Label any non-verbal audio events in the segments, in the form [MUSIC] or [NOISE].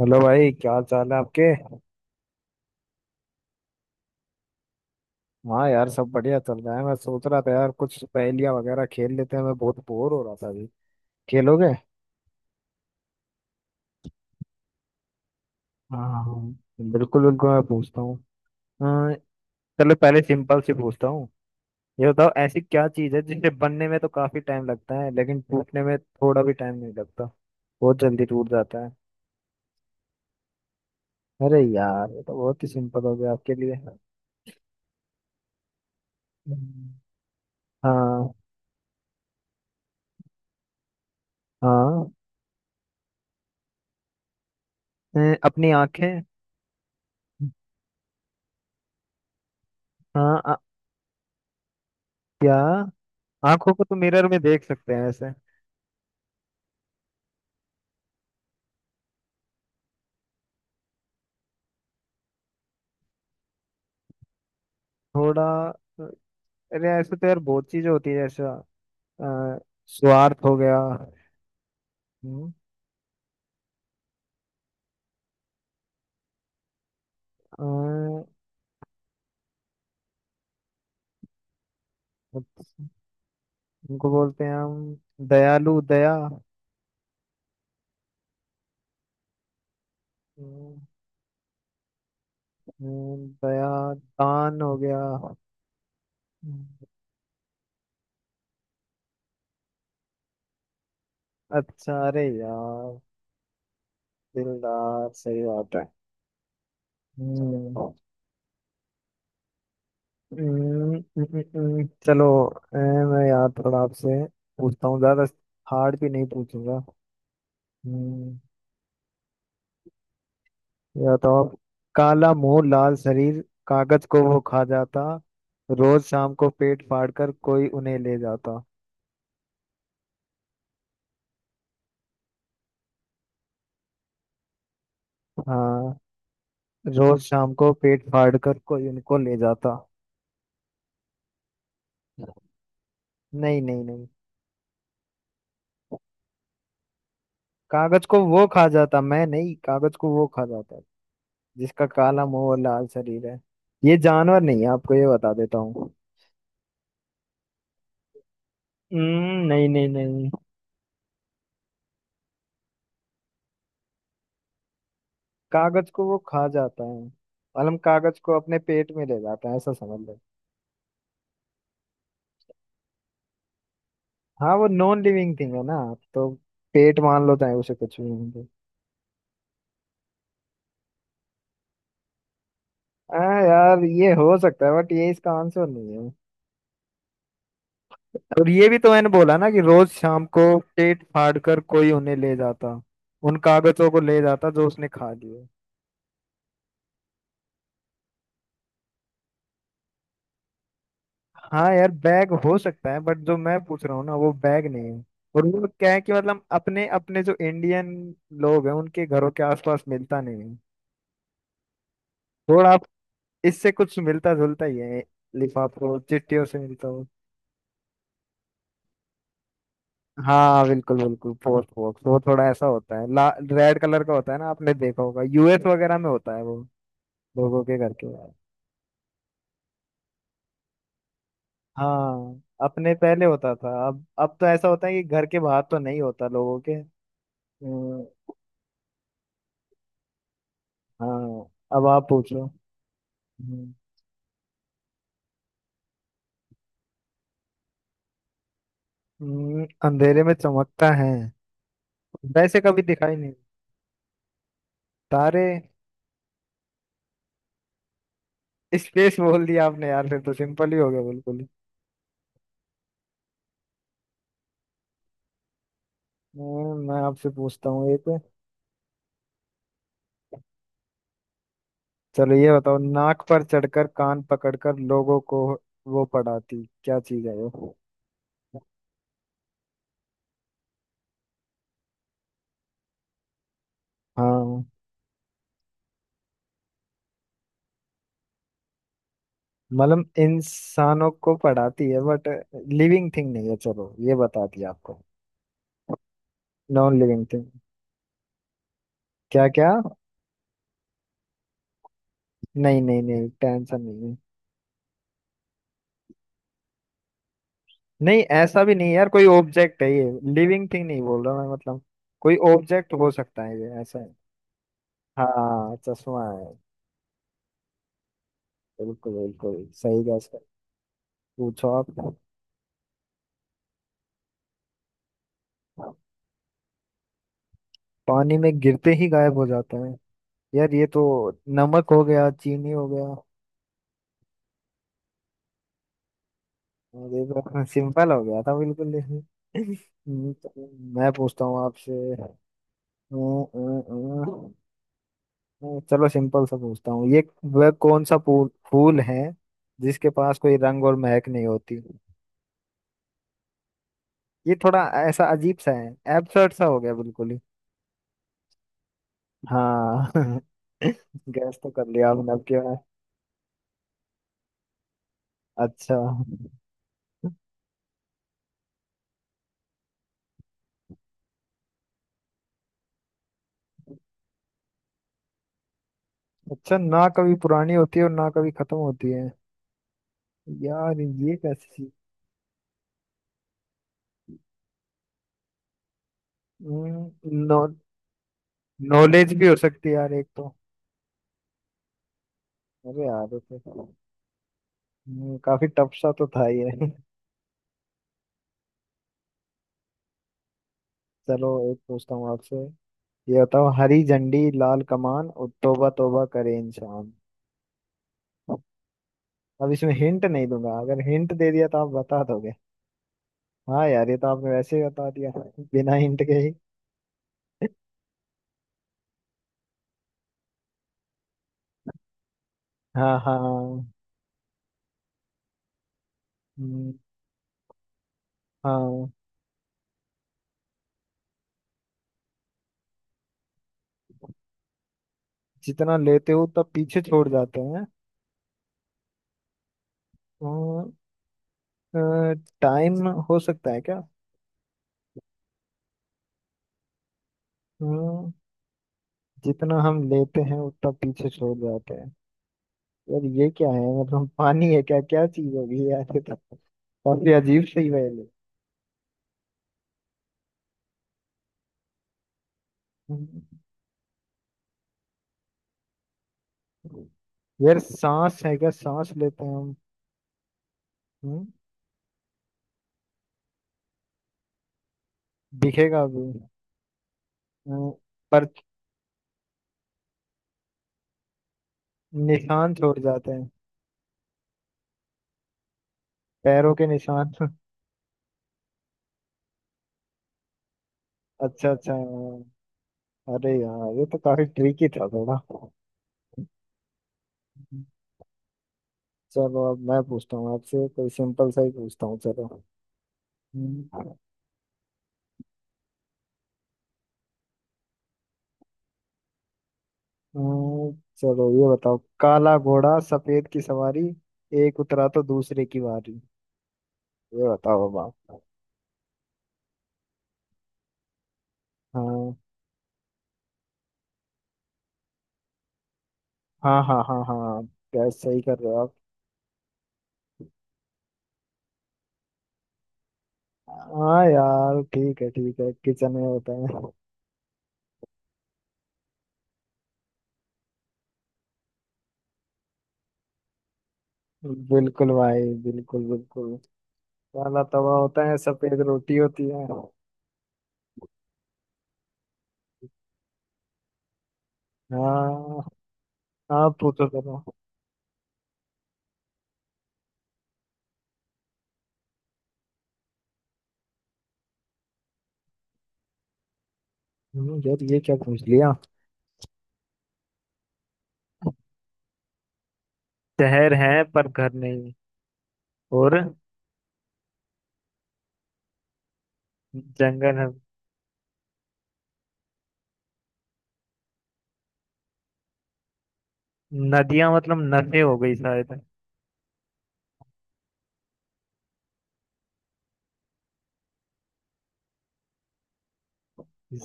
Hello भाई, क्या चाल है आपके। हाँ यार, सब बढ़िया चल रहा है। मैं सोच रहा था यार, कुछ पहेलियां वगैरह खेल लेते हैं, मैं बहुत बोर हो रहा था अभी। खेलोगे? हाँ हाँ, बिल्कुल बिल्कुल मैं पूछता हूँ। अ, चलो पहले सिंपल से पूछता हूँ। ये बताओ ऐसी क्या चीज़ है जिसे बनने में तो काफी टाइम लगता है लेकिन टूटने में थोड़ा भी टाइम नहीं लगता, बहुत जल्दी टूट जाता है। अरे यार, ये तो बहुत ही सिंपल हो गया आपके लिए। हम्म। हाँ। हाँ, अपनी आंखें। हाँ क्या? आंखों को तो मिरर में देख सकते हैं ऐसे। थोड़ा अरे ऐसे तो यार बहुत चीजें होती है, जैसे अ, स्वार्थ हो गया। हम्म, अ, उनको बोलते हैं हम दयालु, दया। हम्म, दया, दान हो गया। हम्म, अच्छा, अरे यार दिलदार, सही बात है। हम्म, चलो मैं यार थोड़ा आपसे पूछता हूँ, ज्यादा हार्ड भी नहीं पूछूंगा। हम्म, या तो आप, काला मुंह लाल शरीर, कागज को वो खा जाता, रोज शाम को पेट फाड़ कर कोई उन्हें ले जाता। हाँ, रोज शाम को पेट फाड़ कर कोई उनको ले जाता। नहीं नहीं नहीं, कागज को वो खा जाता, मैं नहीं, कागज को वो खा जाता, जिसका काला मुंह और लाल शरीर है। ये जानवर नहीं है आपको ये बता देता हूँ। नहीं नहीं नहीं, कागज को वो खा जाता है। मतलब कागज को अपने पेट में ले जाता है, ऐसा समझ लो। हाँ वो नॉन लिविंग थिंग है ना, तो पेट मान लो चाहे उसे कुछ भी मान लो। हाँ यार ये हो सकता है बट ये इसका आंसर नहीं है। और ये भी तो मैंने बोला ना कि रोज शाम को पेट फाड़ कर कोई उन्हें ले जाता, उन कागजों को ले जाता जो उसने खा लिए। हाँ यार बैग हो सकता है बट जो मैं पूछ रहा हूँ ना वो बैग नहीं है। और वो क्या है कि मतलब अपने अपने जो इंडियन लोग हैं उनके घरों के आसपास मिलता नहीं है। थोड़ा आप, इससे कुछ मिलता जुलता ही है, लिफाफों चिट्ठियों से मिलता हो। हाँ बिल्कुल बिल्कुल, फोर्थ फोक्स, वो थोड़ा ऐसा होता है ला रेड कलर का होता है ना, आपने देखा होगा यूएस वगैरह में होता है वो, लोगों के घर के बाहर। हाँ अपने पहले होता था, अब तो ऐसा होता है कि घर के बाहर तो नहीं होता लोगों के। हम्म, हाँ, अब आप पूछो। हम्म, अंधेरे में चमकता है, वैसे कभी दिखाई नहीं। तारे? स्पेस बोल दिया आपने यार, फिर तो सिंपल ही हो गया बिल्कुल ही। मैं आपसे पूछता हूँ एक। चलो ये बताओ, नाक पर चढ़कर कान पकड़कर लोगों को वो पढ़ाती, क्या चीज है वो। हाँ मतलब इंसानों को पढ़ाती है बट लिविंग थिंग नहीं है, चलो ये बताती है आपको, नॉन लिविंग थिंग। क्या क्या? नहीं नहीं नहीं, टेंशन नहीं है। नहीं ऐसा भी नहीं है यार, कोई ऑब्जेक्ट है ये। लिविंग थिंग नहीं बोल रहा मैं, मतलब कोई ऑब्जेक्ट हो सकता है ये, ऐसा है। हाँ, चश्मा है। बिल्कुल बिल्कुल, सही गैस कर। पूछो आप। पानी में गिरते ही गायब हो जाता है, यार ये तो नमक हो गया, चीनी हो गया। और ये तो सिंपल हो गया था बिल्कुल। तो मैं पूछता हूँ आपसे। अं, अं, चलो सिंपल सा पूछता हूँ ये। वह कौन सा फूल फूल है जिसके पास कोई रंग और महक नहीं होती। ये थोड़ा ऐसा अजीब सा है, एब्सर्ड सा हो गया बिल्कुल ही। हाँ [LAUGHS] गैस तो कर लिया आपने अब क्या है। अच्छा, अच्छा, ना कभी पुरानी होती है और ना कभी खत्म होती है, यार ये कैसी। हम्म, नो, नॉलेज भी हो सकती है यार एक तो। अरे यार ये तो। काफी टफ सा तो था ही है। [LAUGHS] चलो एक पूछता हूँ आपसे। ये बताओ, हरी झंडी लाल कमान और तौबा तौबा करे इंसान। अब इसमें हिंट नहीं दूंगा, अगर हिंट दे दिया तो आप बता दोगे। हाँ यार ये तो आपने वैसे ही बता दिया [LAUGHS] बिना हिंट के ही। हाँ हाँ। हम्म, हाँ, जितना लेते हो तब पीछे छोड़ जाते हैं। टाइम हो सकता है क्या? हम्म, जितना हम लेते हैं उतना पीछे छोड़ जाते हैं, यार ये क्या है, मतलब पानी है क्या, क्या चीज हो गई यार ये तो, काफी अजीब सी पहेली। हम्म। यार सांस है क्या, सांस लेते हैं हम। हम्म, दिखेगा अभी। हम्म, पर निशान छोड़ जाते हैं, पैरों के निशान। [LAUGHS] अच्छा अच्छा हाँ। अरे यार ये तो काफी ट्रिकी था थोड़ा। चलो अब मैं पूछता हूँ आपसे, कोई सिंपल सा ही पूछता हूँ चलो। हम्म। हम्म, चलो ये बताओ, काला घोड़ा सफेद की सवारी, एक उतरा तो दूसरे की बारी। ये बताओ अब आप। हाँ हाँ हाँ हाँ, हाँ गैस सही कर रहे हो आप। हाँ यार ठीक है ठीक है, किचन में होता है। बिल्कुल भाई, बिल्कुल बिल्कुल, काला तवा होता है, सफेद रोटी होती है। हाँ, आप पूछो करो। यार ये क्या पूछ लिया। शहर है पर घर नहीं, और जंगल है। नदियां, मतलब नदी हो गई शायद।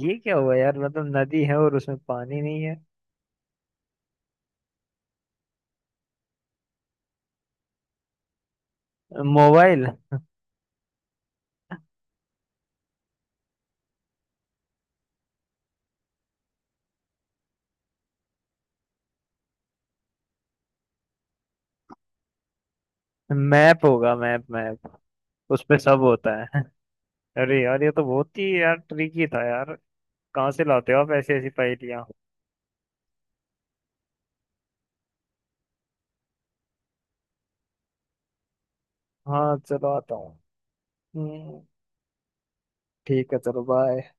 ये क्या हुआ यार, मतलब नदी है और उसमें पानी नहीं है। मोबाइल? मैप होगा, मैप मैप, उसपे सब होता है। [LAUGHS] अरे यार ये तो बहुत ही यार ट्रिकी था यार, कहाँ से लाते हो आप ऐसी ऐसी पहेलियाँ। हाँ चलो आता हूँ। हम्म, ठीक है चलो बाय।